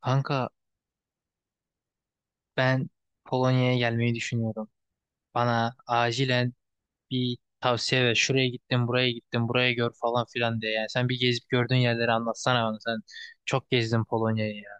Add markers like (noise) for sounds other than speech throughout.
Kanka ben Polonya'ya gelmeyi düşünüyorum. Bana acilen bir tavsiye ver. Şuraya gittim, buraya gittim, buraya gör falan filan diye. Yani sen bir gezip gördüğün yerleri anlatsana bana. Sen çok gezdin Polonya'yı ya.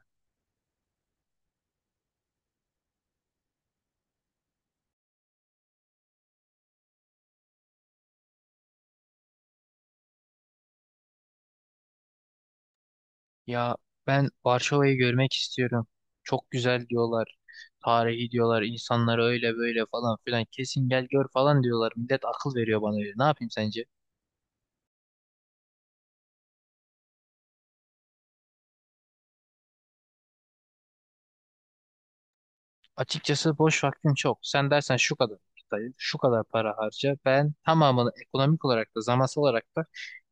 Ya ben Varşova'yı görmek istiyorum. Çok güzel diyorlar. Tarihi diyorlar. İnsanları öyle böyle falan filan. Kesin gel gör falan diyorlar. Millet akıl veriyor bana öyle. Ne yapayım sence? Açıkçası boş vaktim çok. Sen dersen şu kadar vakit ayır, şu kadar para harca. Ben tamamını ekonomik olarak da zamansal olarak da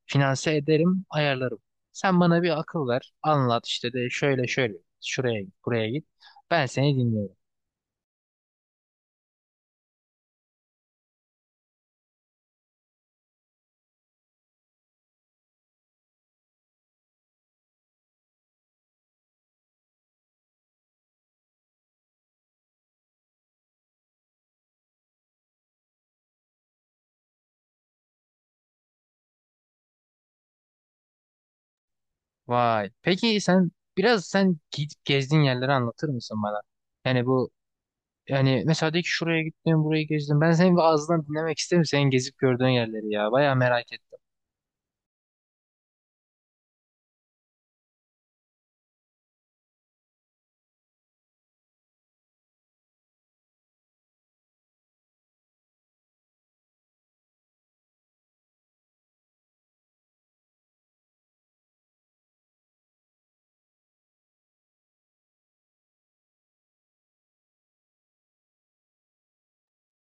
finanse ederim, ayarlarım. Sen bana bir akıl ver, anlat işte de şöyle şöyle, şuraya git, buraya git. Ben seni dinliyorum. Vay. Peki sen biraz sen gidip gezdiğin yerleri anlatır mısın bana? Yani bu yani mesela de ki şuraya gittim, burayı gezdim. Ben senin bir ağzından dinlemek isterim senin gezip gördüğün yerleri ya. Bayağı merak ettim.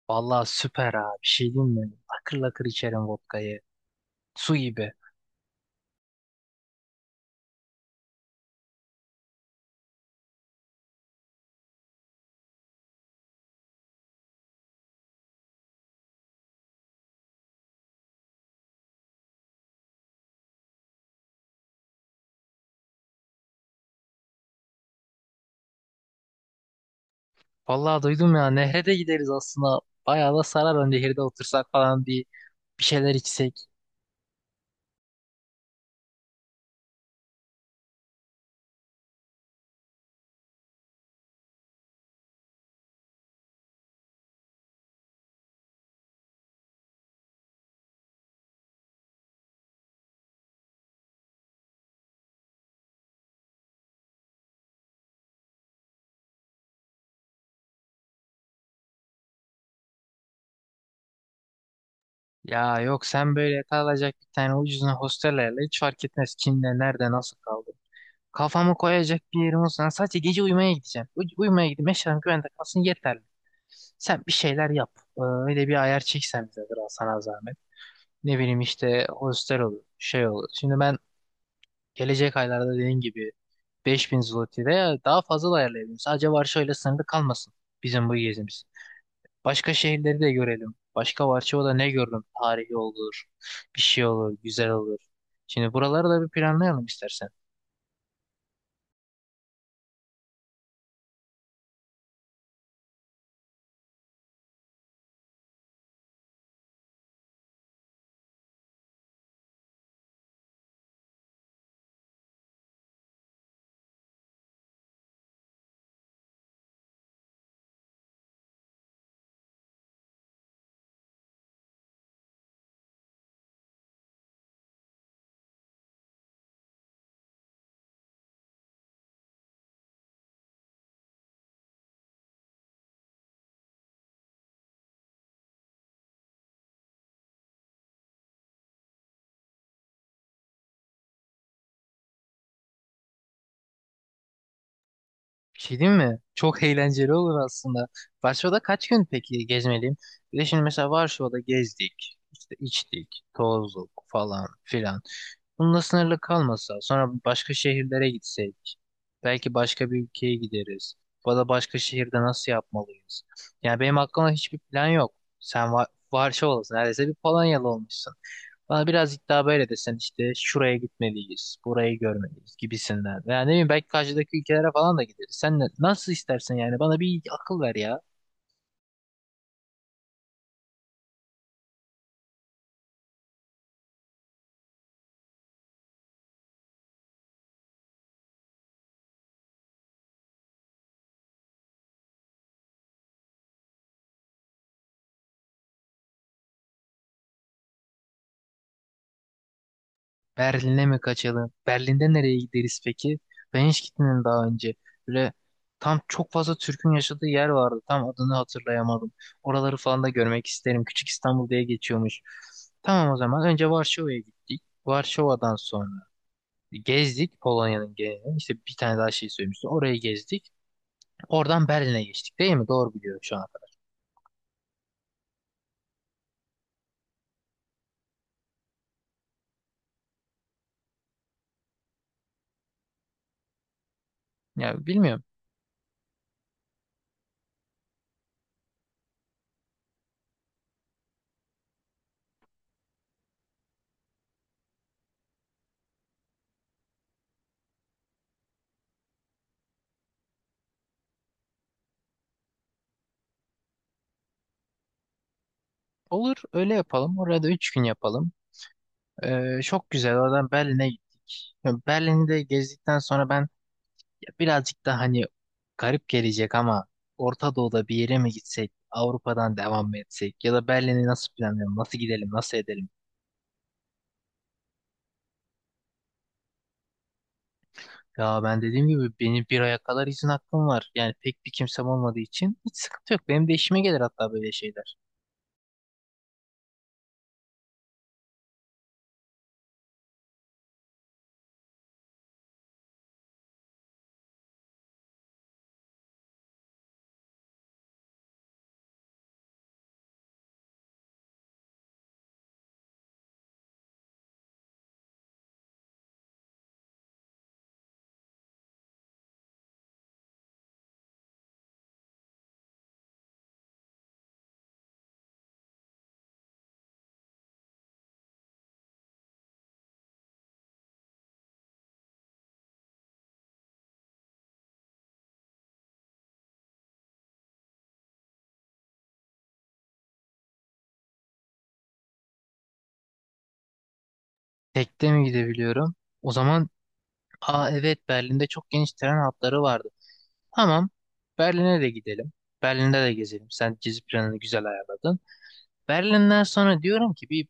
Vallahi süper abi. Bir şey diyeyim mi? Akır lakır içerim vodkayı. Su gibi. Vallahi duydum ya nehre de gideriz aslında. Bayağı da sarar o nehirde otursak falan bir şeyler içsek. Ya yok, sen böyle kalacak bir tane ucuzuna hostellerle hiç fark etmez kimle nerede nasıl kaldı. Kafamı koyacak bir yerim olsa sadece gece uyumaya gideceğim. Uyumaya gideyim, eşyalarım güvende kalsın yeterli. Sen bir şeyler yap. Öyle bir ayar çeksen bize, biraz sana zahmet. Ne bileyim işte hostel olur, şey olur. Şimdi ben gelecek aylarda dediğin gibi 5.000 zloty veya daha fazla da ayarlayabilirim. Sadece Varşova ile sınırlı kalmasın bizim bu gezimiz. Başka şehirleri de görelim. Başka Varşova'da ne gördüm? Tarihi olur, bir şey olur, güzel olur. Şimdi buraları da bir planlayalım istersen. Bir şey diyeyim mi? Çok (laughs) eğlenceli olur aslında. Varşova'da kaç gün peki gezmeliyim? Bir de şimdi mesela Varşova'da gezdik, işte içtik, tozduk falan filan. Bununla sınırlı kalmasa, sonra başka şehirlere gitsek, belki başka bir ülkeye gideriz. Bu da başka şehirde nasıl yapmalıyız? Yani benim aklımda hiçbir plan yok. Sen varşa olasın, neredeyse bir Polonyalı olmuşsun. Bana biraz iddia böyle desen işte şuraya gitmeliyiz, burayı görmeliyiz gibisinden. Yani ne bileyim, belki karşıdaki ülkelere falan da gideriz. Sen nasıl istersen yani, bana bir akıl ver ya. Berlin'e mi kaçalım? Berlin'de nereye gideriz peki? Ben hiç gitmedim daha önce. Böyle tam çok fazla Türk'ün yaşadığı yer vardı. Tam adını hatırlayamadım. Oraları falan da görmek isterim. Küçük İstanbul diye geçiyormuş. Tamam, o zaman önce Varşova'ya gittik. Varşova'dan sonra gezdik Polonya'nın genelini. İşte bir tane daha şey söylemişti. Orayı gezdik. Oradan Berlin'e geçtik değil mi? Doğru biliyorum şu anda. Ya bilmiyorum. Olur, öyle yapalım. Orada 3 gün yapalım. Çok güzel. Oradan Berlin'e gittik. Ya Berlin'de gezdikten sonra ben ya birazcık da hani garip gelecek ama Orta Doğu'da bir yere mi gitsek, Avrupa'dan devam mı etsek, ya da Berlin'i nasıl planlayalım, nasıl gidelim, nasıl edelim? Ya ben dediğim gibi benim bir aya kadar izin hakkım var. Yani pek bir kimsem olmadığı için hiç sıkıntı yok. Benim de işime gelir hatta böyle şeyler. Tekte mi gidebiliyorum? O zaman, aa evet, Berlin'de çok geniş tren hatları vardı. Tamam. Berlin'e de gidelim. Berlin'de de gezelim. Sen gezi planını güzel ayarladın. Berlin'den sonra diyorum ki bir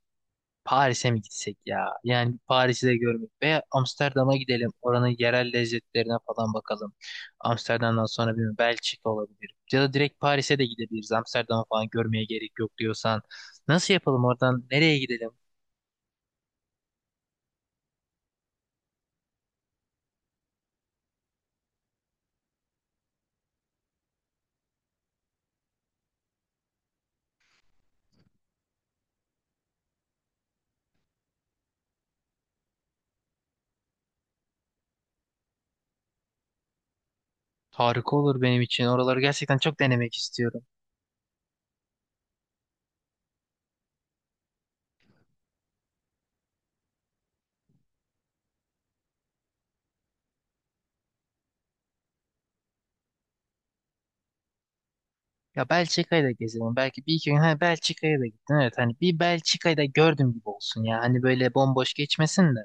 Paris'e mi gitsek ya? Yani Paris'i de görmek veya Amsterdam'a gidelim. Oranın yerel lezzetlerine falan bakalım. Amsterdam'dan sonra bir Belçika olabilir. Ya da direkt Paris'e de gidebiliriz. Amsterdam'ı falan görmeye gerek yok diyorsan. Nasıl yapalım oradan? Nereye gidelim? Harika olur benim için. Oraları gerçekten çok denemek istiyorum. Ya Belçika'yı da gezelim. Belki bir iki gün. Ha, Belçika'ya da gittin. Evet, hani bir Belçika'yı da gördüm gibi olsun ya. Hani böyle bomboş geçmesin de.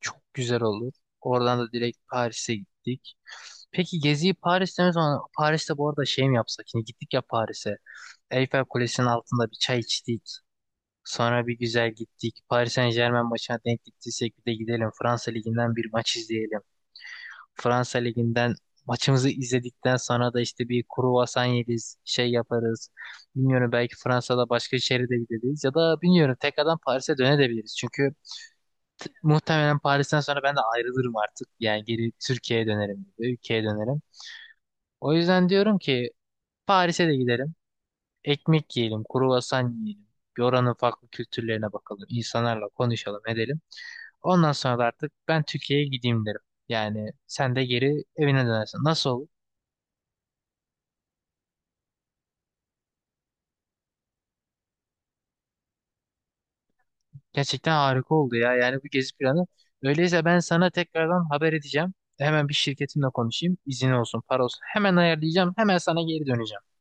Çok güzel olur. Oradan da direkt Paris'e gittik. Peki geziyi Paris'te mi, sonra Paris'te bu arada şey mi yapsak? Şimdi gittik ya Paris'e. Eiffel Kulesi'nin altında bir çay içtik. Sonra bir güzel gittik. Paris Saint-Germain maçına denk gittiysek bir de gidelim. Fransa Ligi'nden bir maç izleyelim. Fransa Ligi'nden maçımızı izledikten sonra da işte bir kruvasan yeriz, şey yaparız. Bilmiyorum, belki Fransa'da başka şehre de gideriz ya da bilmiyorum tekrardan Paris'e dönebiliriz. Çünkü muhtemelen Paris'ten sonra ben de ayrılırım artık. Yani geri Türkiye'ye dönerim, gibi, ülkeye dönerim. O yüzden diyorum ki Paris'e de gidelim. Ekmek yiyelim, kruvasan yiyelim. Bir Oranın farklı kültürlerine bakalım. İnsanlarla konuşalım, edelim. Ondan sonra da artık ben Türkiye'ye gideyim derim. Yani sen de geri evine dönersin. Nasıl olur? Gerçekten harika oldu ya. Yani bu gezi planı. Öyleyse ben sana tekrardan haber edeceğim. Hemen bir şirketimle konuşayım. İzin olsun, para olsun. Hemen ayarlayacağım. Hemen sana geri döneceğim.